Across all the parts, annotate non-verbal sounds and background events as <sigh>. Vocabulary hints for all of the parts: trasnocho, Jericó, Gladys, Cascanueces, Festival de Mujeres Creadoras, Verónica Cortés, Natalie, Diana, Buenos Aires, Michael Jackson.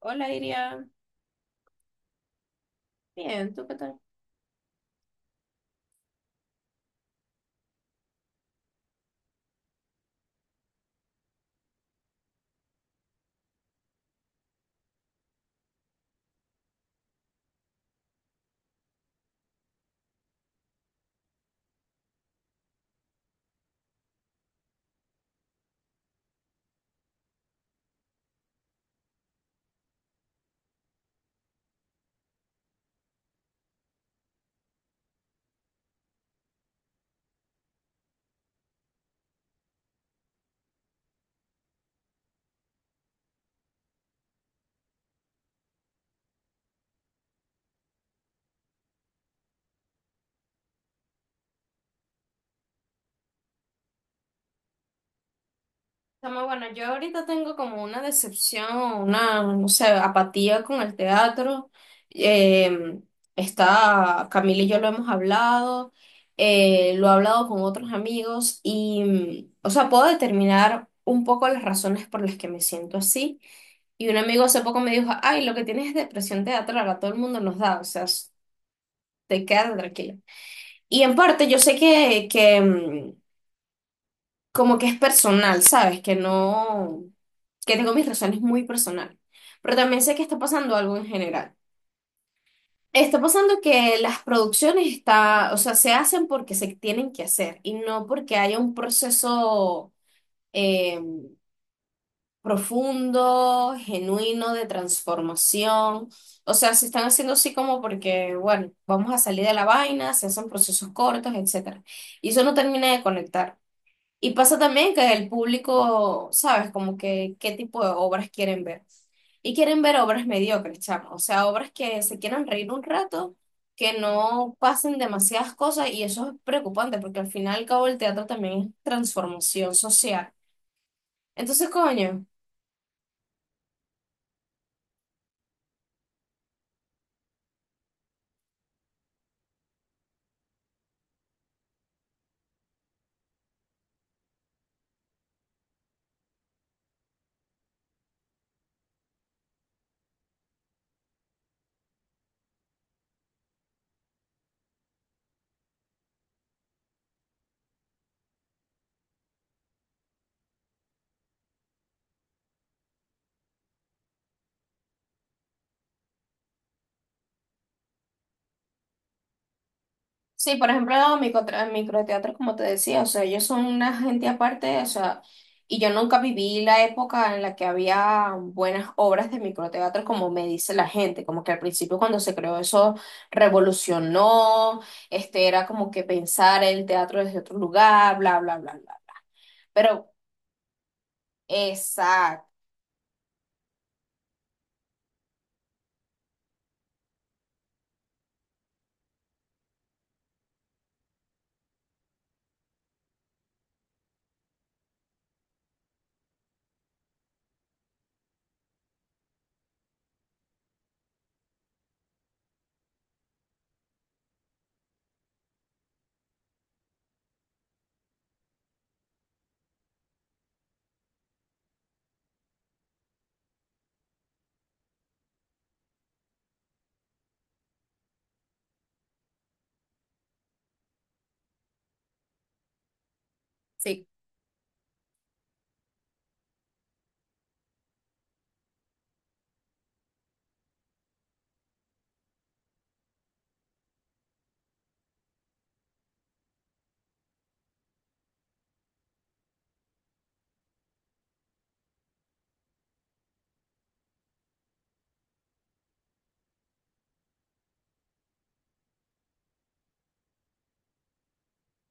Hola, Iria. Bien, ¿tú qué tal? Chama, bueno, yo ahorita tengo como una decepción, una, no sé, apatía con el teatro. Eh, Camila y yo lo hemos hablado, lo he hablado con otros amigos y, o sea, puedo determinar un poco las razones por las que me siento así. Y un amigo hace poco me dijo, ay, lo que tienes es depresión teatral, a todo el mundo nos da, o sea, te quedas tranquila. Y en parte yo sé que como que es personal, ¿sabes? Que no, que tengo mis razones muy personales. Pero también sé que está pasando algo en general. Está pasando que las producciones o sea, se hacen porque se tienen que hacer y no porque haya un proceso eh, profundo, genuino de transformación. O sea, se están haciendo así como porque, bueno, vamos a salir de la vaina, se hacen procesos cortos, etcétera. Y eso no termina de conectar. Y pasa también que el público, ¿sabes? Como que qué tipo de obras quieren ver. Y quieren ver obras mediocres, chamo. O sea, obras que se quieran reír un rato, que no pasen demasiadas cosas. Y eso es preocupante, porque al final y al cabo el teatro también es transformación social. Entonces, coño. Sí, por ejemplo, los microteatros, como te decía, o sea, ellos son una gente aparte, o sea, y yo nunca viví la época en la que había buenas obras de microteatro, como me dice la gente, como que al principio cuando se creó eso revolucionó, este era como que pensar el teatro desde otro lugar, bla, bla, bla, bla, bla. Pero, exacto. Sí,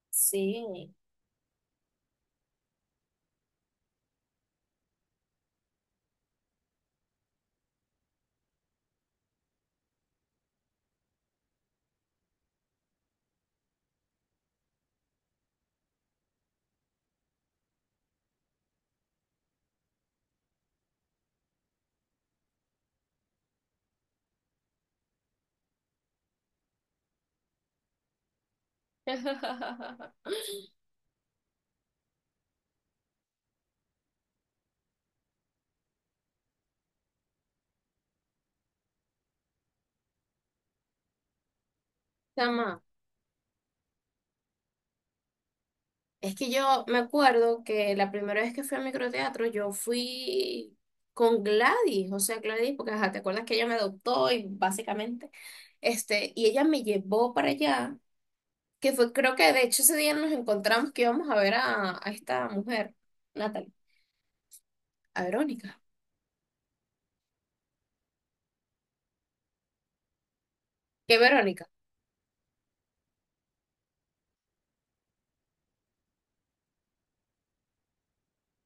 sí. <laughs> Chama. Es que yo me acuerdo que la primera vez que fui a microteatro, yo fui con Gladys, o sea, Gladys, porque ajá, te acuerdas que ella me adoptó y básicamente, este, y ella me llevó para allá, que fue, creo que de hecho ese día nos encontramos que íbamos a ver a esta mujer, Natalie, a Verónica. ¿Qué Verónica?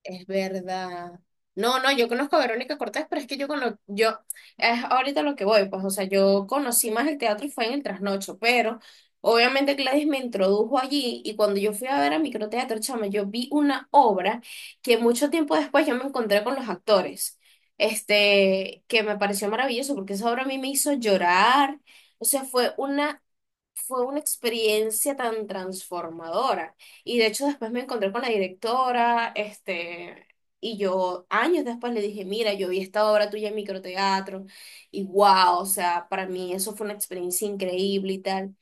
Es verdad. No, no, yo conozco a Verónica Cortés, pero es que yo conozco, yo, es ahorita lo que voy, pues, o sea, yo conocí más el teatro fue en el trasnocho, pero obviamente Gladys me introdujo allí y cuando yo fui a ver a microteatro, chama, yo vi una obra que mucho tiempo después yo me encontré con los actores, este, que me pareció maravilloso porque esa obra a mí me hizo llorar, o sea, fue una experiencia tan transformadora. Y de hecho después me encontré con la directora, este, y yo años después le dije, mira, yo vi esta obra tuya en microteatro, y wow, o sea, para mí eso fue una experiencia increíble y tal.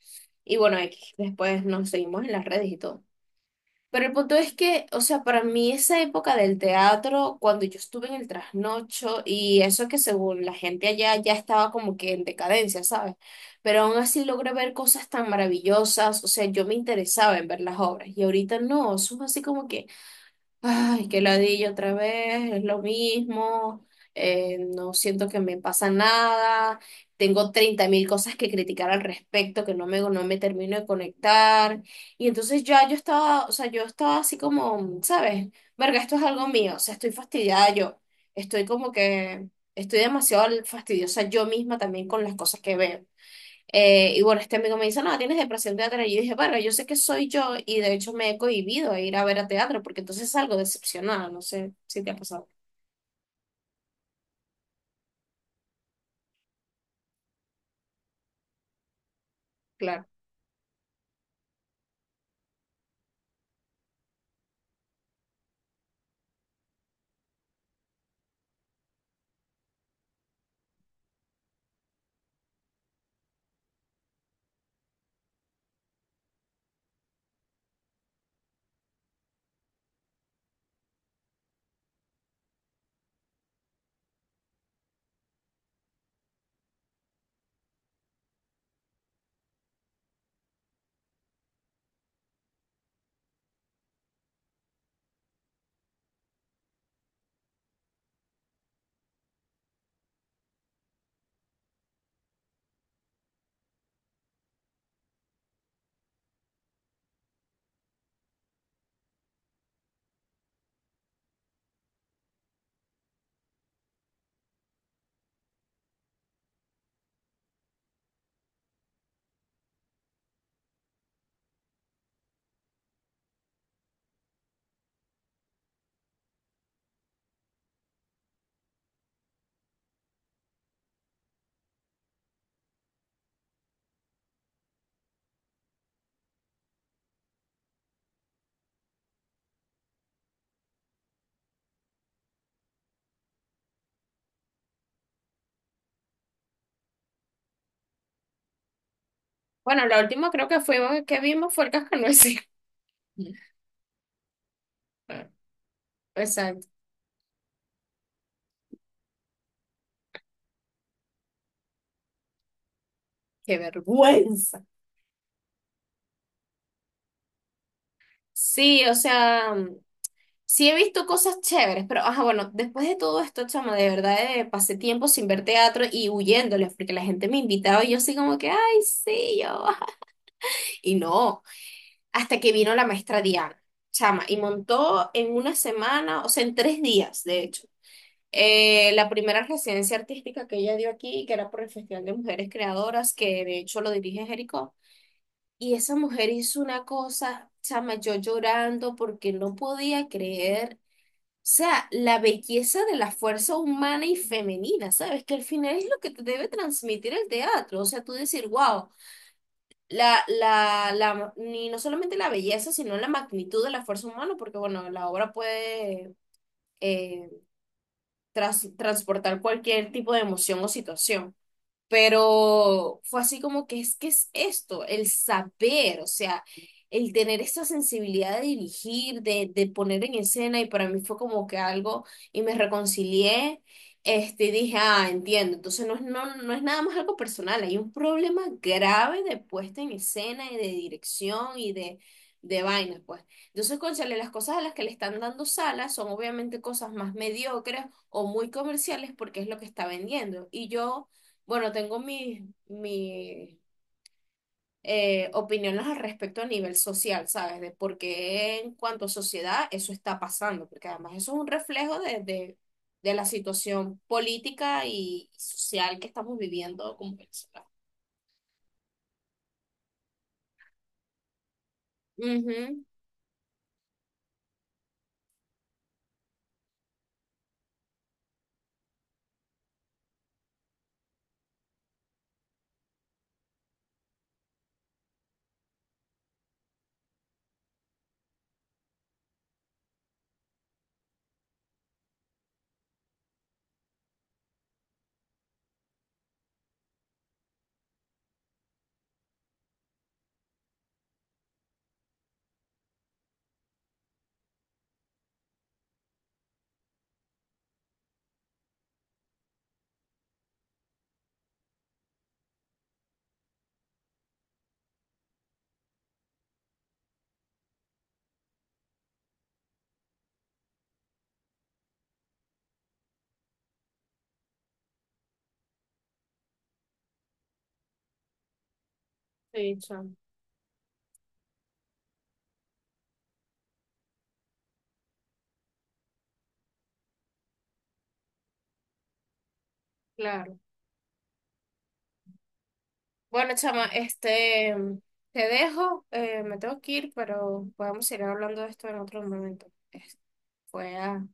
Y bueno, X, después nos seguimos en las redes y todo. Pero el punto es que, o sea, para mí esa época del teatro, cuando yo estuve en el trasnocho y eso que según la gente allá ya estaba como que en decadencia, ¿sabes? Pero aún así logré ver cosas tan maravillosas, o sea, yo me interesaba en ver las obras y ahorita no, eso es así como que ay, qué ladilla otra vez, es lo mismo, no siento que me pasa nada, tengo 30 mil cosas que criticar al respecto, que no me termino de conectar, y entonces ya yo estaba, o sea, yo estaba así como, ¿sabes? Verga, esto es algo mío, o sea, estoy fastidiada yo, estoy como que, estoy demasiado fastidiosa yo misma también con las cosas que veo. Y bueno, este amigo me dice, no, tienes depresión teatral. Y yo dije, bueno, yo sé que soy yo y de hecho me he cohibido a ir a ver a teatro porque entonces salgo decepcionada. No sé si te ha pasado. Claro. Bueno, la última creo que fuimos que vimos fue el Cascanueces. <laughs> Exacto. Qué vergüenza. Sí, o sea, sí he visto cosas chéveres, pero ajá, bueno, después de todo esto, chama, de verdad pasé tiempo sin ver teatro y huyéndoles porque la gente me invitaba y yo así como que, ay, sí, yo. <laughs> Y no, hasta que vino la maestra Diana, chama, y montó en una semana, o sea, en 3 días, de hecho, la primera residencia artística que ella dio aquí, que era por el Festival de Mujeres Creadoras, que de hecho lo dirige Jericó. Y esa mujer hizo una cosa, chama, yo llorando porque no podía creer, o sea, la belleza de la fuerza humana y femenina, ¿sabes? Que al final es lo que te debe transmitir el teatro, o sea, tú decir, wow la, la, la, ni no solamente la belleza, sino la magnitud de la fuerza humana, porque bueno, la obra puede eh, transportar cualquier tipo de emoción o situación, pero fue así como que es esto, el saber, o sea, el tener esa sensibilidad de dirigir, de poner en escena, y para mí fue como que algo, y me reconcilié, este, y dije, ah, entiendo, entonces no es nada más algo personal, hay un problema grave de puesta en escena y de dirección y de vaina, pues. Entonces, cónchale, las cosas a las que le están dando salas son obviamente cosas más mediocres o muy comerciales porque es lo que está vendiendo. Y yo, bueno, tengo mi opiniones al respecto a nivel social, ¿sabes? De por qué en cuanto a sociedad eso está pasando, porque además eso es un reflejo de la situación política y social que estamos viviendo como Venezuela. Ujú, sí, chama, claro. Bueno, chama, te dejo, me tengo que ir, pero podemos seguir hablando de esto en otro momento. Fue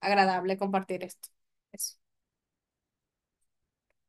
agradable compartir esto. Eso.